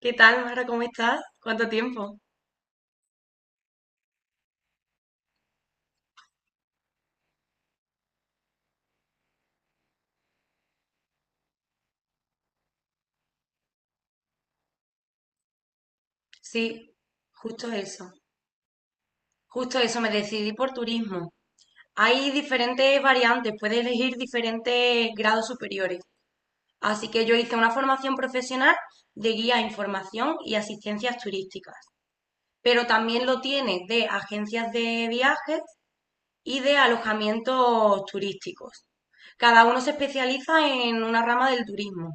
¿Qué tal, Mara? ¿Cómo estás? ¿Cuánto tiempo? Sí, justo eso. Justo eso, me decidí por turismo. Hay diferentes variantes, puedes elegir diferentes grados superiores. Así que yo hice una formación profesional de guía, información y asistencias turísticas. Pero también lo tienes de agencias de viajes y de alojamientos turísticos. Cada uno se especializa en una rama del turismo.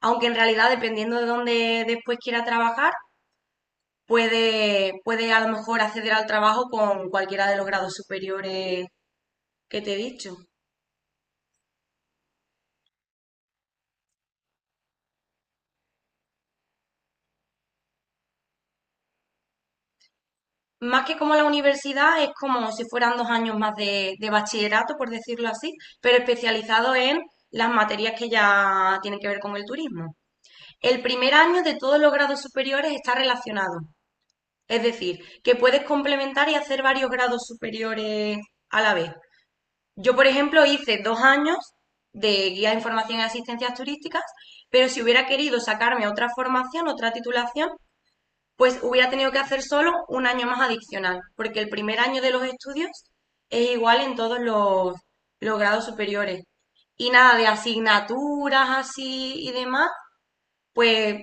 Aunque en realidad, dependiendo de dónde después quiera trabajar, puede a lo mejor acceder al trabajo con cualquiera de los grados superiores que te he dicho. Más que como la universidad, es como si fueran 2 años más de bachillerato, por decirlo así, pero especializado en las materias que ya tienen que ver con el turismo. El primer año de todos los grados superiores está relacionado, es decir, que puedes complementar y hacer varios grados superiores a la vez. Yo, por ejemplo, hice 2 años de guía de información y asistencias turísticas, pero si hubiera querido sacarme otra formación, otra titulación, pues hubiera tenido que hacer solo un año más adicional, porque el primer año de los estudios es igual en todos los grados superiores. Y nada de asignaturas así y demás, pues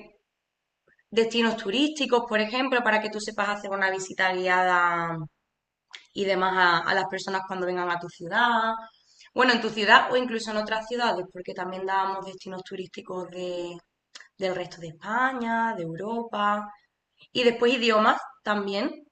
destinos turísticos, por ejemplo, para que tú sepas hacer una visita guiada y demás a las personas cuando vengan a tu ciudad. Bueno, en tu ciudad o incluso en otras ciudades, porque también dábamos destinos turísticos del resto de España, de Europa. Y después idiomas también.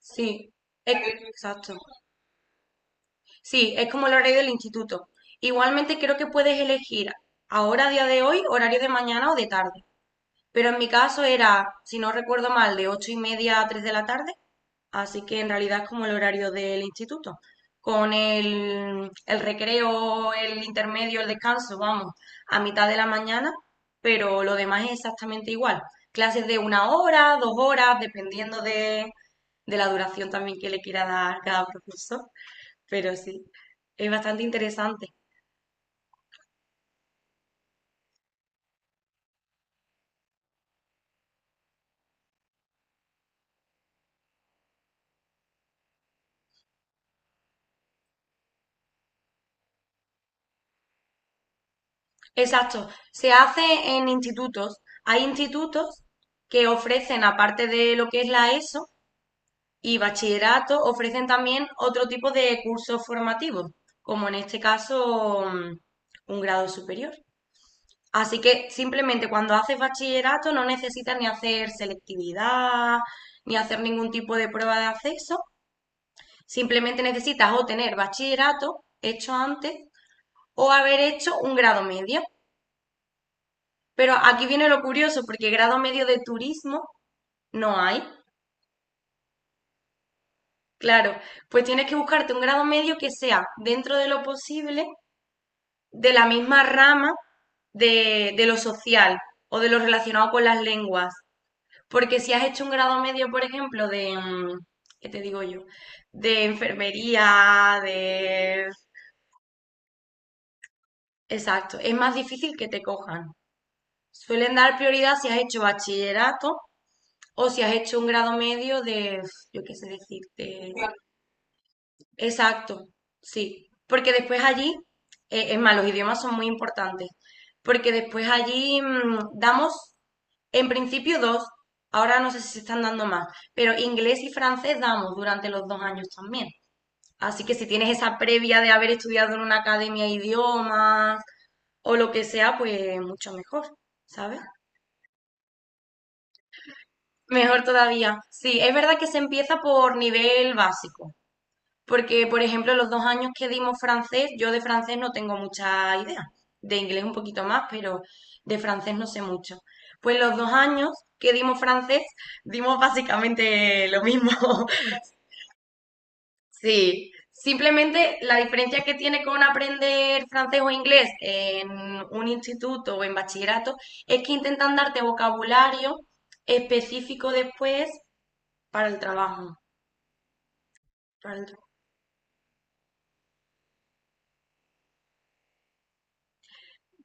Sí, es- exacto. Sí, es como el horario del instituto. Igualmente creo que puedes elegir ahora, a día de hoy, horario de mañana o de tarde. Pero en mi caso era, si no recuerdo mal, de 8:30 a 3 de la tarde, así que en realidad es como el horario del instituto. Con el recreo, el intermedio, el descanso, vamos, a mitad de la mañana, pero lo demás es exactamente igual. Clases de una hora, 2 horas, dependiendo de la duración también que le quiera dar cada profesor, pero sí, es bastante interesante. Exacto, se hace en institutos. Hay institutos que ofrecen, aparte de lo que es la ESO y bachillerato, ofrecen también otro tipo de cursos formativos, como en este caso, un grado superior. Así que simplemente cuando haces bachillerato no necesitas ni hacer selectividad, ni hacer ningún tipo de prueba de acceso. Simplemente necesitas o tener bachillerato hecho antes o haber hecho un grado medio. Pero aquí viene lo curioso, porque grado medio de turismo no hay. Claro, pues tienes que buscarte un grado medio que sea, dentro de lo posible, de la misma rama de lo social o de lo relacionado con las lenguas. Porque si has hecho un grado medio, por ejemplo, de, ¿qué te digo yo? De enfermería, de... Exacto, es más difícil que te cojan. Suelen dar prioridad si has hecho bachillerato o si has hecho un grado medio de, yo qué sé decirte. Exacto, sí, porque después allí, es más, los idiomas son muy importantes, porque después allí damos, en principio dos, ahora no sé si se están dando más, pero inglés y francés damos durante los 2 años también. Así que si tienes esa previa de haber estudiado en una academia de idiomas o lo que sea, pues mucho mejor, ¿sabes? Mejor todavía. Sí, es verdad que se empieza por nivel básico. Porque, por ejemplo, los 2 años que dimos francés, yo de francés no tengo mucha idea. De inglés un poquito más, pero de francés no sé mucho. Pues los 2 años que dimos francés, dimos básicamente lo mismo. Sí, simplemente la diferencia que tiene con aprender francés o inglés en un instituto o en bachillerato es que intentan darte vocabulario específico después para el trabajo. Para el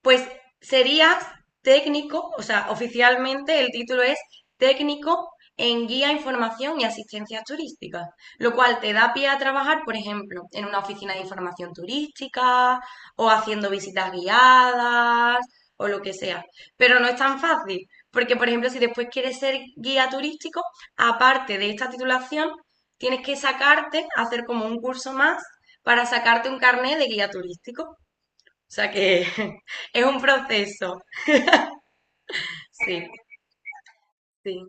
Pues serías técnico, o sea, oficialmente el título es técnico en guía, información y asistencia turística, lo cual te da pie a trabajar, por ejemplo, en una oficina de información turística o haciendo visitas guiadas o lo que sea. Pero no es tan fácil, porque, por ejemplo, si después quieres ser guía turístico, aparte de esta titulación, tienes que sacarte, hacer como un curso más para sacarte un carnet de guía turístico sea que es un proceso, sí, sí.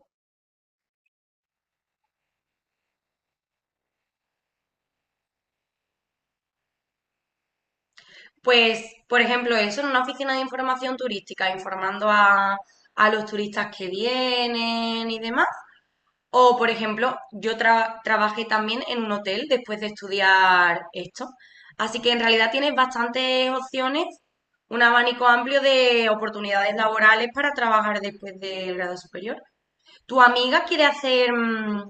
Pues, por ejemplo, eso en una oficina de información turística, informando a los turistas que vienen y demás. O, por ejemplo, trabajé también en un hotel después de estudiar esto. Así que en realidad tienes bastantes opciones, un abanico amplio de oportunidades laborales para trabajar después del grado superior. ¿Tu amiga quiere hacer mm,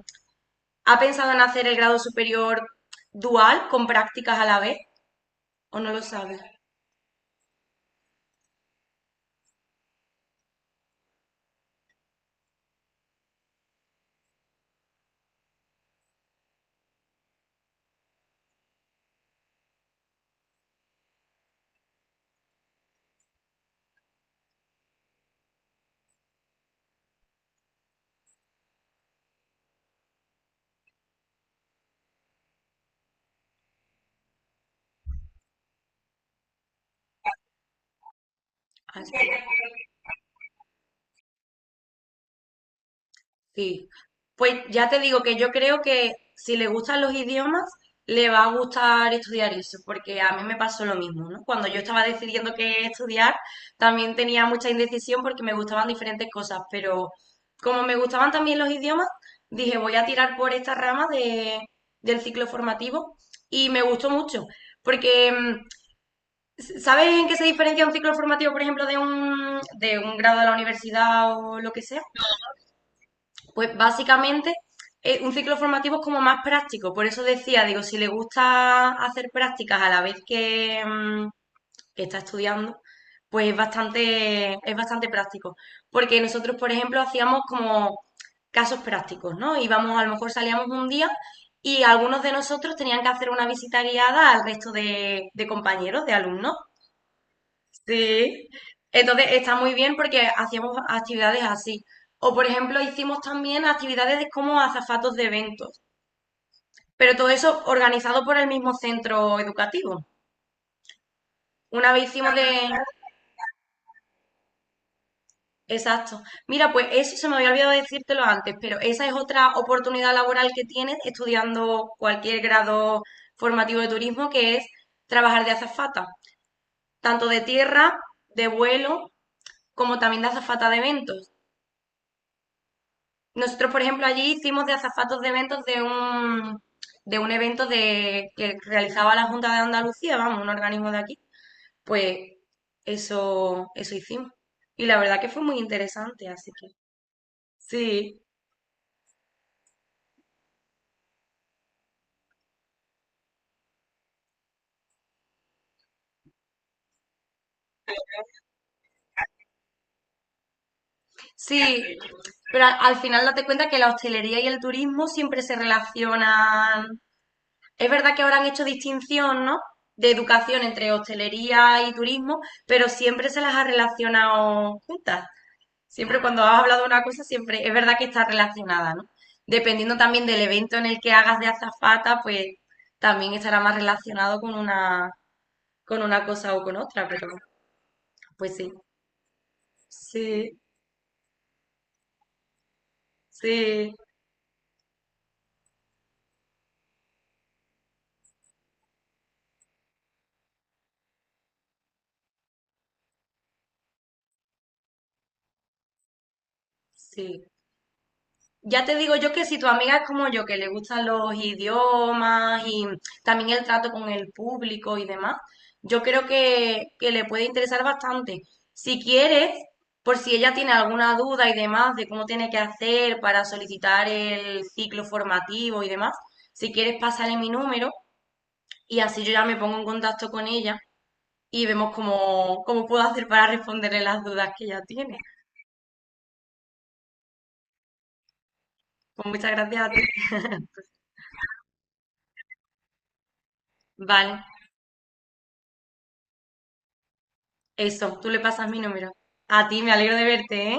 ¿Ha pensado en hacer el grado superior dual con prácticas a la vez? ¿O no lo sabes? Ah, sí. Sí. Pues ya te digo que yo creo que si le gustan los idiomas, le va a gustar estudiar eso, porque a mí me pasó lo mismo, ¿no? Cuando yo estaba decidiendo qué estudiar, también tenía mucha indecisión porque me gustaban diferentes cosas, pero como me gustaban también los idiomas, dije, voy a tirar por esta rama de, del ciclo formativo y me gustó mucho, porque mm, ¿Sabes en qué se diferencia un ciclo formativo, por ejemplo, de un grado de la universidad o lo que sea? Pues básicamente un ciclo formativo es como más práctico. Por eso decía, digo, si le gusta hacer prácticas a la vez que está estudiando, pues es bastante práctico. Porque nosotros, por ejemplo, hacíamos como casos prácticos, ¿no? Íbamos, a lo mejor salíamos un día y algunos de nosotros tenían que hacer una visita guiada al resto de compañeros, de alumnos. Sí, entonces está muy bien porque hacíamos actividades así. O por ejemplo, hicimos también actividades de como azafatos de eventos, pero todo eso organizado por el mismo centro educativo. Una vez hicimos de... Exacto. Mira, pues eso se me había olvidado decírtelo antes, pero esa es otra oportunidad laboral que tienes estudiando cualquier grado formativo de turismo, que es trabajar de azafata, tanto de tierra, de vuelo, como también de azafata de eventos. Nosotros, por ejemplo, allí hicimos de azafatos de eventos de un evento de, que realizaba la Junta de Andalucía, vamos, un organismo de aquí. Pues eso hicimos. Y la verdad que fue muy interesante, así que sí, sí. Pero al final date cuenta que la hostelería y el turismo siempre se relacionan. Es verdad que ahora han hecho distinción, ¿no? De educación entre hostelería y turismo, pero siempre se las ha relacionado juntas. Siempre cuando has hablado de una cosa, siempre es verdad que está relacionada, ¿no? Dependiendo también del evento en el que hagas de azafata, pues también estará más relacionado con una cosa o con otra, pero pues sí, sí, sí, sí. Ya te digo yo que si tu amiga es como yo, que le gustan los idiomas y también el trato con el público y demás, yo creo que le puede interesar bastante. Si quieres, por si ella tiene alguna duda y demás de cómo tiene que hacer para solicitar el ciclo formativo y demás, si quieres pasarle mi número y así yo ya me pongo en contacto con ella y vemos cómo puedo hacer para responderle las dudas que ella tiene. Pues muchas gracias a ti. Vale. Eso, tú le pasas mi número. A ti, me alegro de verte, ¿eh?